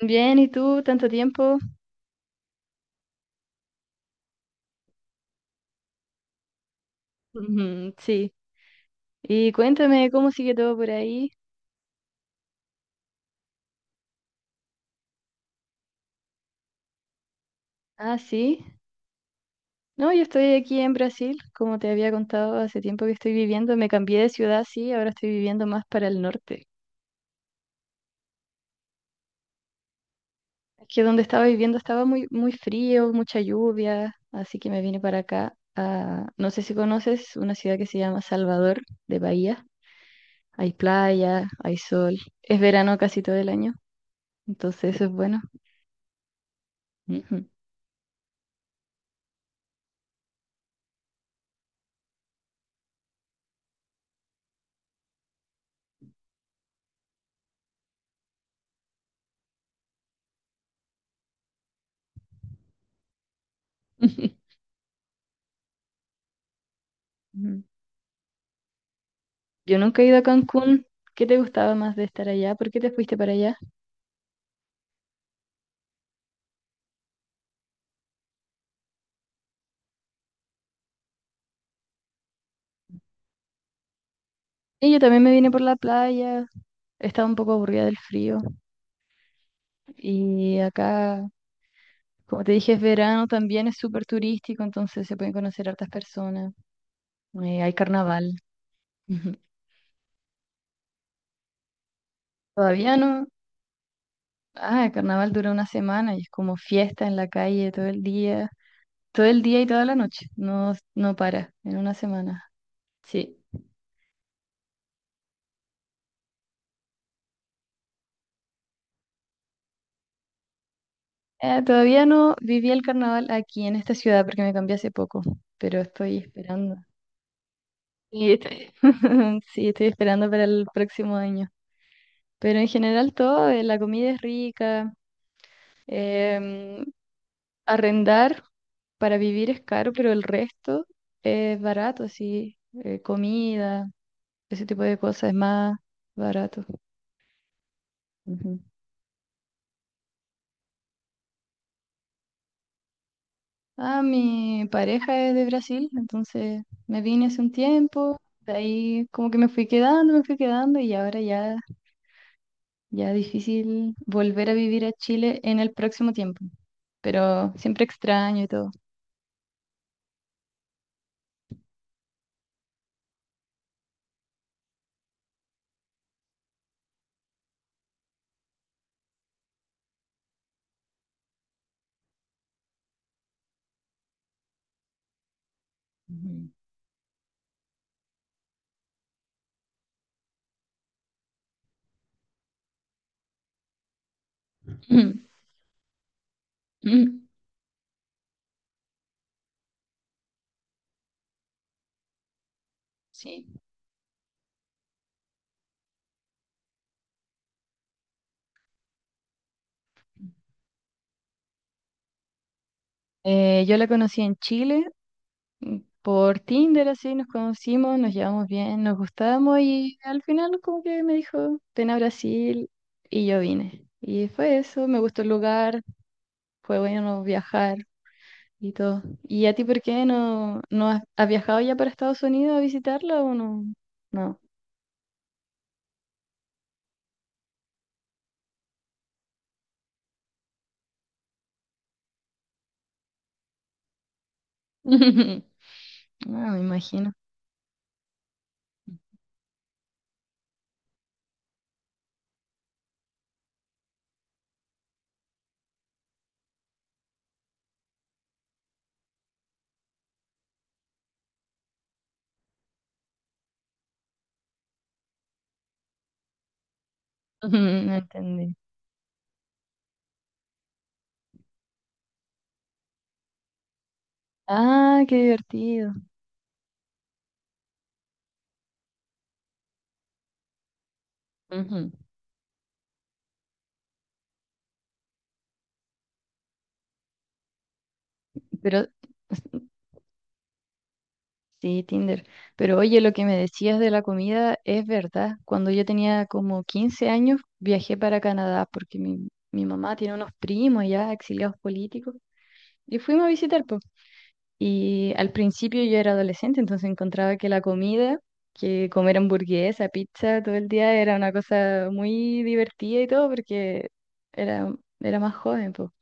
Bien, ¿y tú? ¿Tanto tiempo? Ujú, sí. Y cuéntame cómo sigue todo por ahí. Ah, sí. No, yo estoy aquí en Brasil, como te había contado, hace tiempo que estoy viviendo. Me cambié de ciudad, sí, ahora estoy viviendo más para el norte. Es que donde estaba viviendo estaba muy, muy frío, mucha lluvia, así que me vine para acá. No sé si conoces una ciudad que se llama Salvador de Bahía. Hay playa, hay sol. Es verano casi todo el año, entonces eso es bueno. Ujú. Ujú. Yo nunca he ido a Cancún. ¿Qué te gustaba más de estar allá? ¿Por qué te fuiste para allá? Y yo también me vine por la playa. Estaba un poco aburrida del frío. Y acá, como te dije, es verano, también es súper turístico, entonces se pueden conocer hartas personas. Hay carnaval. Ujú. Todavía no. Ah, el carnaval dura una semana y es como fiesta en la calle todo el día. Todo el día y toda la noche. No, no para en una semana. Sí. Todavía no viví el carnaval aquí en esta ciudad porque me cambié hace poco, pero estoy esperando. Y estoy- Sí, estoy esperando para el próximo año. Pero en general todo, la comida es rica, em, arrendar para vivir es caro, pero el resto es barato, sí, comida, ese tipo de cosas es más barato. Ujú. Ah, mi pareja es de Brasil, entonces me vine hace un tiempo, de ahí como que me fui quedando y ahora ya, ya difícil volver a vivir a Chile en el próximo tiempo, pero siempre extraño y todo. Ujú. Sí. Yo la conocí en Chile por Tinder, así nos conocimos, nos llevamos bien, nos gustábamos y al final como que me dijo, ven a Brasil y yo vine. Y fue eso, me gustó el lugar, fue bueno viajar y todo. ¿Y a ti por qué no has viajado ya para Estados Unidos a visitarla o no? No. No, me imagino. No entendí. Ah, qué divertido. Ujú. Pero sí, Tinder. Pero oye, lo que me decías de la comida es verdad. Cuando yo tenía como 15 años, viajé para Canadá porque mi mamá tiene unos primos ya exiliados políticos y fuimos a visitar. Y al principio yo era adolescente, entonces encontraba que la comida, que comer hamburguesa, pizza todo el día era una cosa muy divertida y todo porque era, era más joven, po.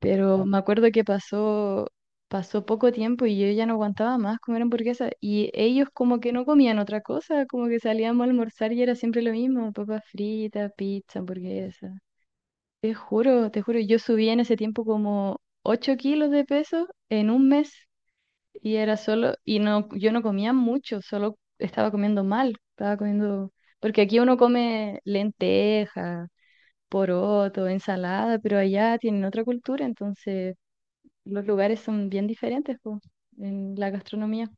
Pero me acuerdo que pasó poco tiempo y yo ya no aguantaba más comer hamburguesa y ellos como que no comían otra cosa, como que salíamos a almorzar y era siempre lo mismo, papas fritas, pizza, hamburguesa. Te juro, yo subí en ese tiempo como 8 kilos de peso en un mes. Y era solo, y no, yo no comía mucho, solo estaba comiendo mal, estaba comiendo, porque aquí uno come lenteja, poroto, ensalada, pero allá tienen otra cultura, entonces los lugares son bien diferentes, po, en la gastronomía.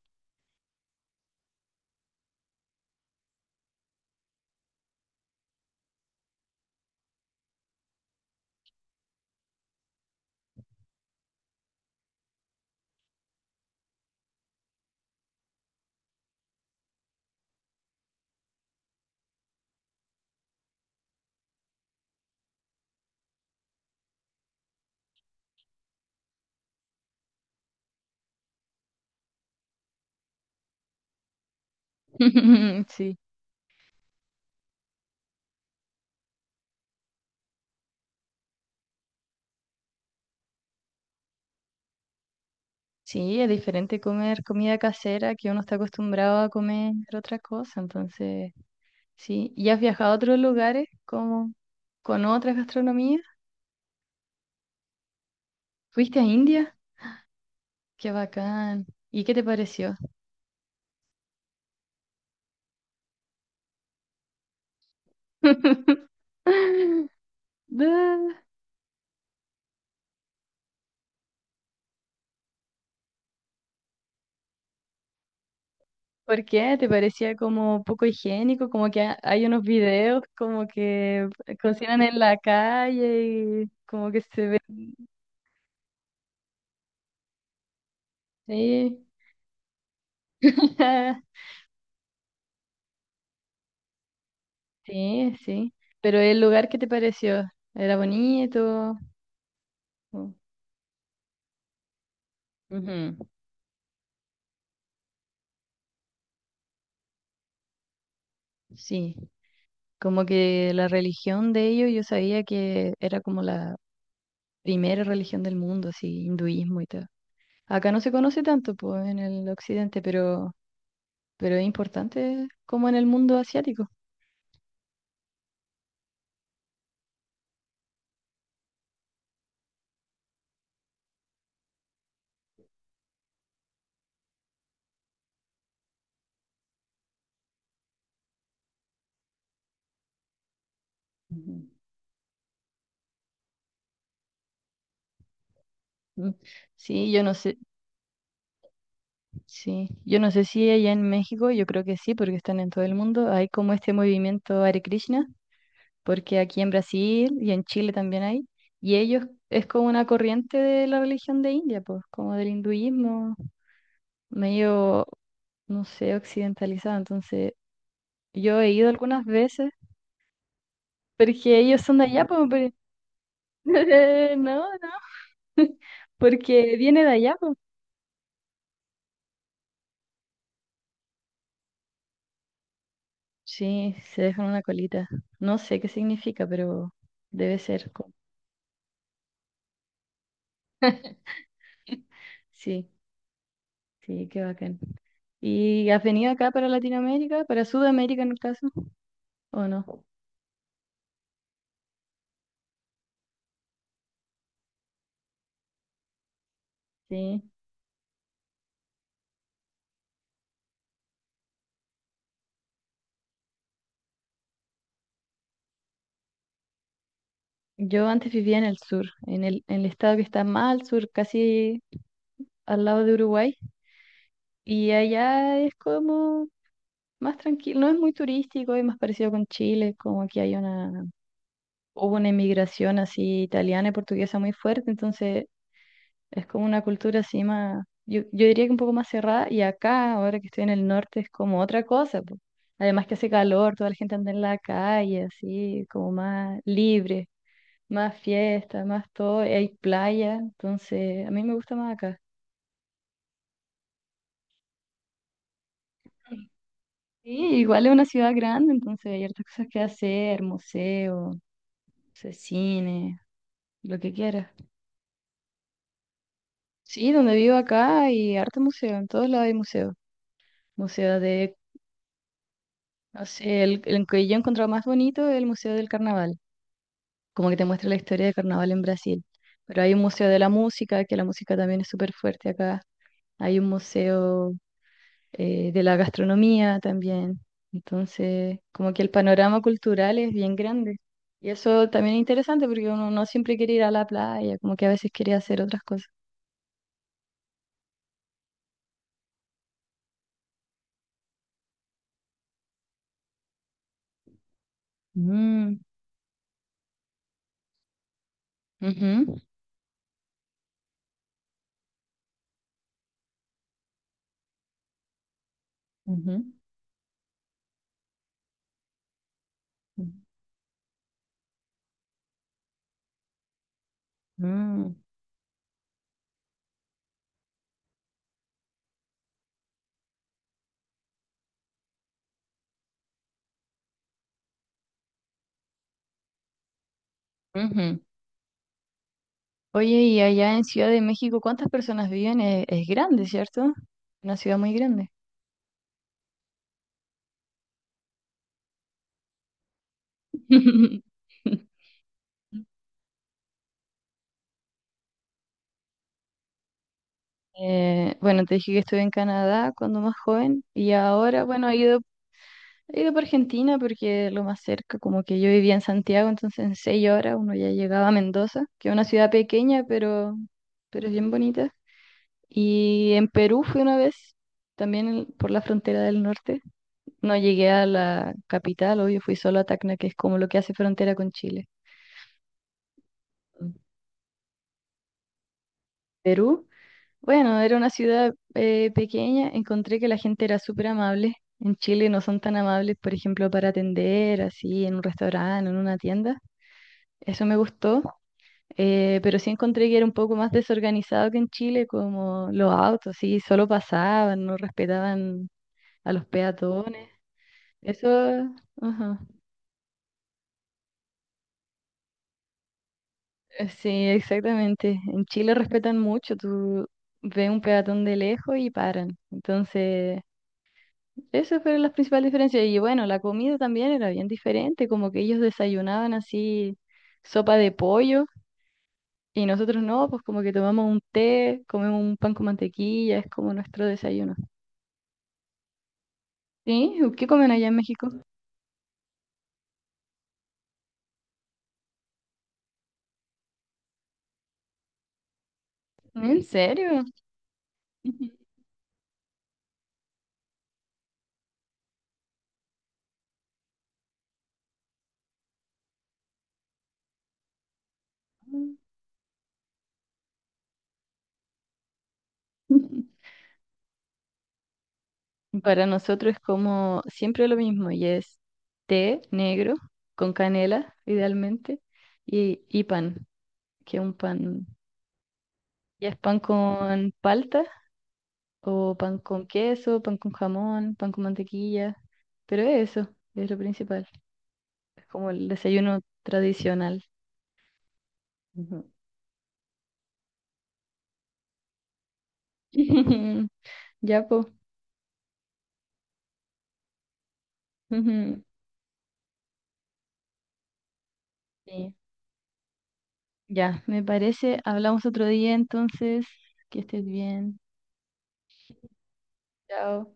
Sí, sí, es diferente comer comida casera que uno está acostumbrado a comer otra cosa, entonces, sí. ¿Y has viajado a otros lugares como con otras gastronomías? ¿Fuiste a India? Qué bacán. ¿Y qué te pareció? Da, ¿por qué? ¿Te parecía como poco higiénico? Como que hay unos videos como que cocinan en la calle y como que se ve. Sí, sí, sí. Pero el lugar, ¿qué te pareció? ¿Era bonito? O- Ujú, sí, como que la religión de ellos, yo sabía que era como la primera religión del mundo, así, hinduismo y todo. Acá no se conoce tanto, pues, en el occidente, pero es importante como en el mundo asiático. Ujú. Mm. Sí, yo no sé, sí, yo no sé si allá en México, yo creo que sí, porque están en todo el mundo, hay como este movimiento Hare Krishna, porque aquí en Brasil y en Chile también hay, y ellos es como una corriente de la religión de India, pues, como del hinduismo, medio, no sé, occidentalizado. Entonces, yo he ido algunas veces, porque ellos son de allá, pues, no, no, porque viene de allá, pues. Sí, se dejan una colita. No sé qué significa, pero debe ser. Sí, sí, qué bacán. ¿Y has venido acá para Latinoamérica, para Sudamérica en el caso, o no? Sí. Yo antes vivía en el sur, en el estado que está más al sur, casi al lado de Uruguay, y allá es como más tranquilo, no es muy turístico, es más parecido con Chile, como aquí hubo una inmigración así italiana y portuguesa muy fuerte, entonces es como una cultura así más, yo diría que un poco más cerrada y acá, ahora que estoy en el norte, es como otra cosa, po. Además que hace calor, toda la gente anda en la calle, así, como más libre, más fiesta, más todo, y hay playa, entonces a mí me gusta más acá. Sí, igual es una ciudad grande, entonces hay hartas cosas que hacer, museo, no sé, cine, lo que quieras. Sí, donde vivo acá hay harto museo, en todos lados hay museo. Museo de No sé, el que yo he encontrado más bonito es el Museo del Carnaval, como que te muestra la historia del carnaval en Brasil. Pero hay un museo de la música, que la música también es súper fuerte acá. Hay un museo de la gastronomía también. Entonces, como que el panorama cultural es bien grande. Y eso también es interesante porque uno no siempre quiere ir a la playa, como que a veces quiere hacer otras cosas. Mm, ujú, ujú, ujú, ujú, ujú. Oye, y allá en Ciudad de México, ¿cuántas personas viven? Es grande, ¿cierto? Una ciudad muy grande. Bueno, te dije que estuve en Canadá cuando más joven y ahora, bueno, he ido por Argentina porque lo más cerca, como que yo vivía en Santiago, entonces en 6 horas uno ya llegaba a Mendoza, que es una ciudad pequeña, pero es bien bonita. Y en Perú fui una vez, también por la frontera del norte. No llegué a la capital, obvio, fui solo a Tacna, que es como lo que hace frontera con Chile. Mm. Perú, bueno, era una ciudad pequeña, encontré que la gente era súper amable. En Chile no son tan amables, por ejemplo, para atender, así, en un restaurante, en una tienda. Eso me gustó, pero sí encontré que era un poco más desorganizado que en Chile, como los autos, sí, solo pasaban, no respetaban a los peatones. Eso, ajá. Sí, exactamente. En Chile respetan mucho, tú ves un peatón de lejos y paran. Entonces, esas fueron las principales diferencias. Y bueno, la comida también era bien diferente, como que ellos desayunaban así sopa de pollo y nosotros no, pues como que tomamos un té, comemos un pan con mantequilla, es como nuestro desayuno. ¿Sí? ¿Qué comen allá en México? ¿En serio? Para nosotros es como siempre lo mismo y es té negro con canela, idealmente, y pan, que es un pan, ya es pan con palta o pan con queso, pan con jamón, pan con mantequilla, pero es eso, es lo principal, es como el desayuno tradicional. Ujú. Ya, pues. Sí. Ya, me parece, hablamos otro día entonces, que estés bien. Chao.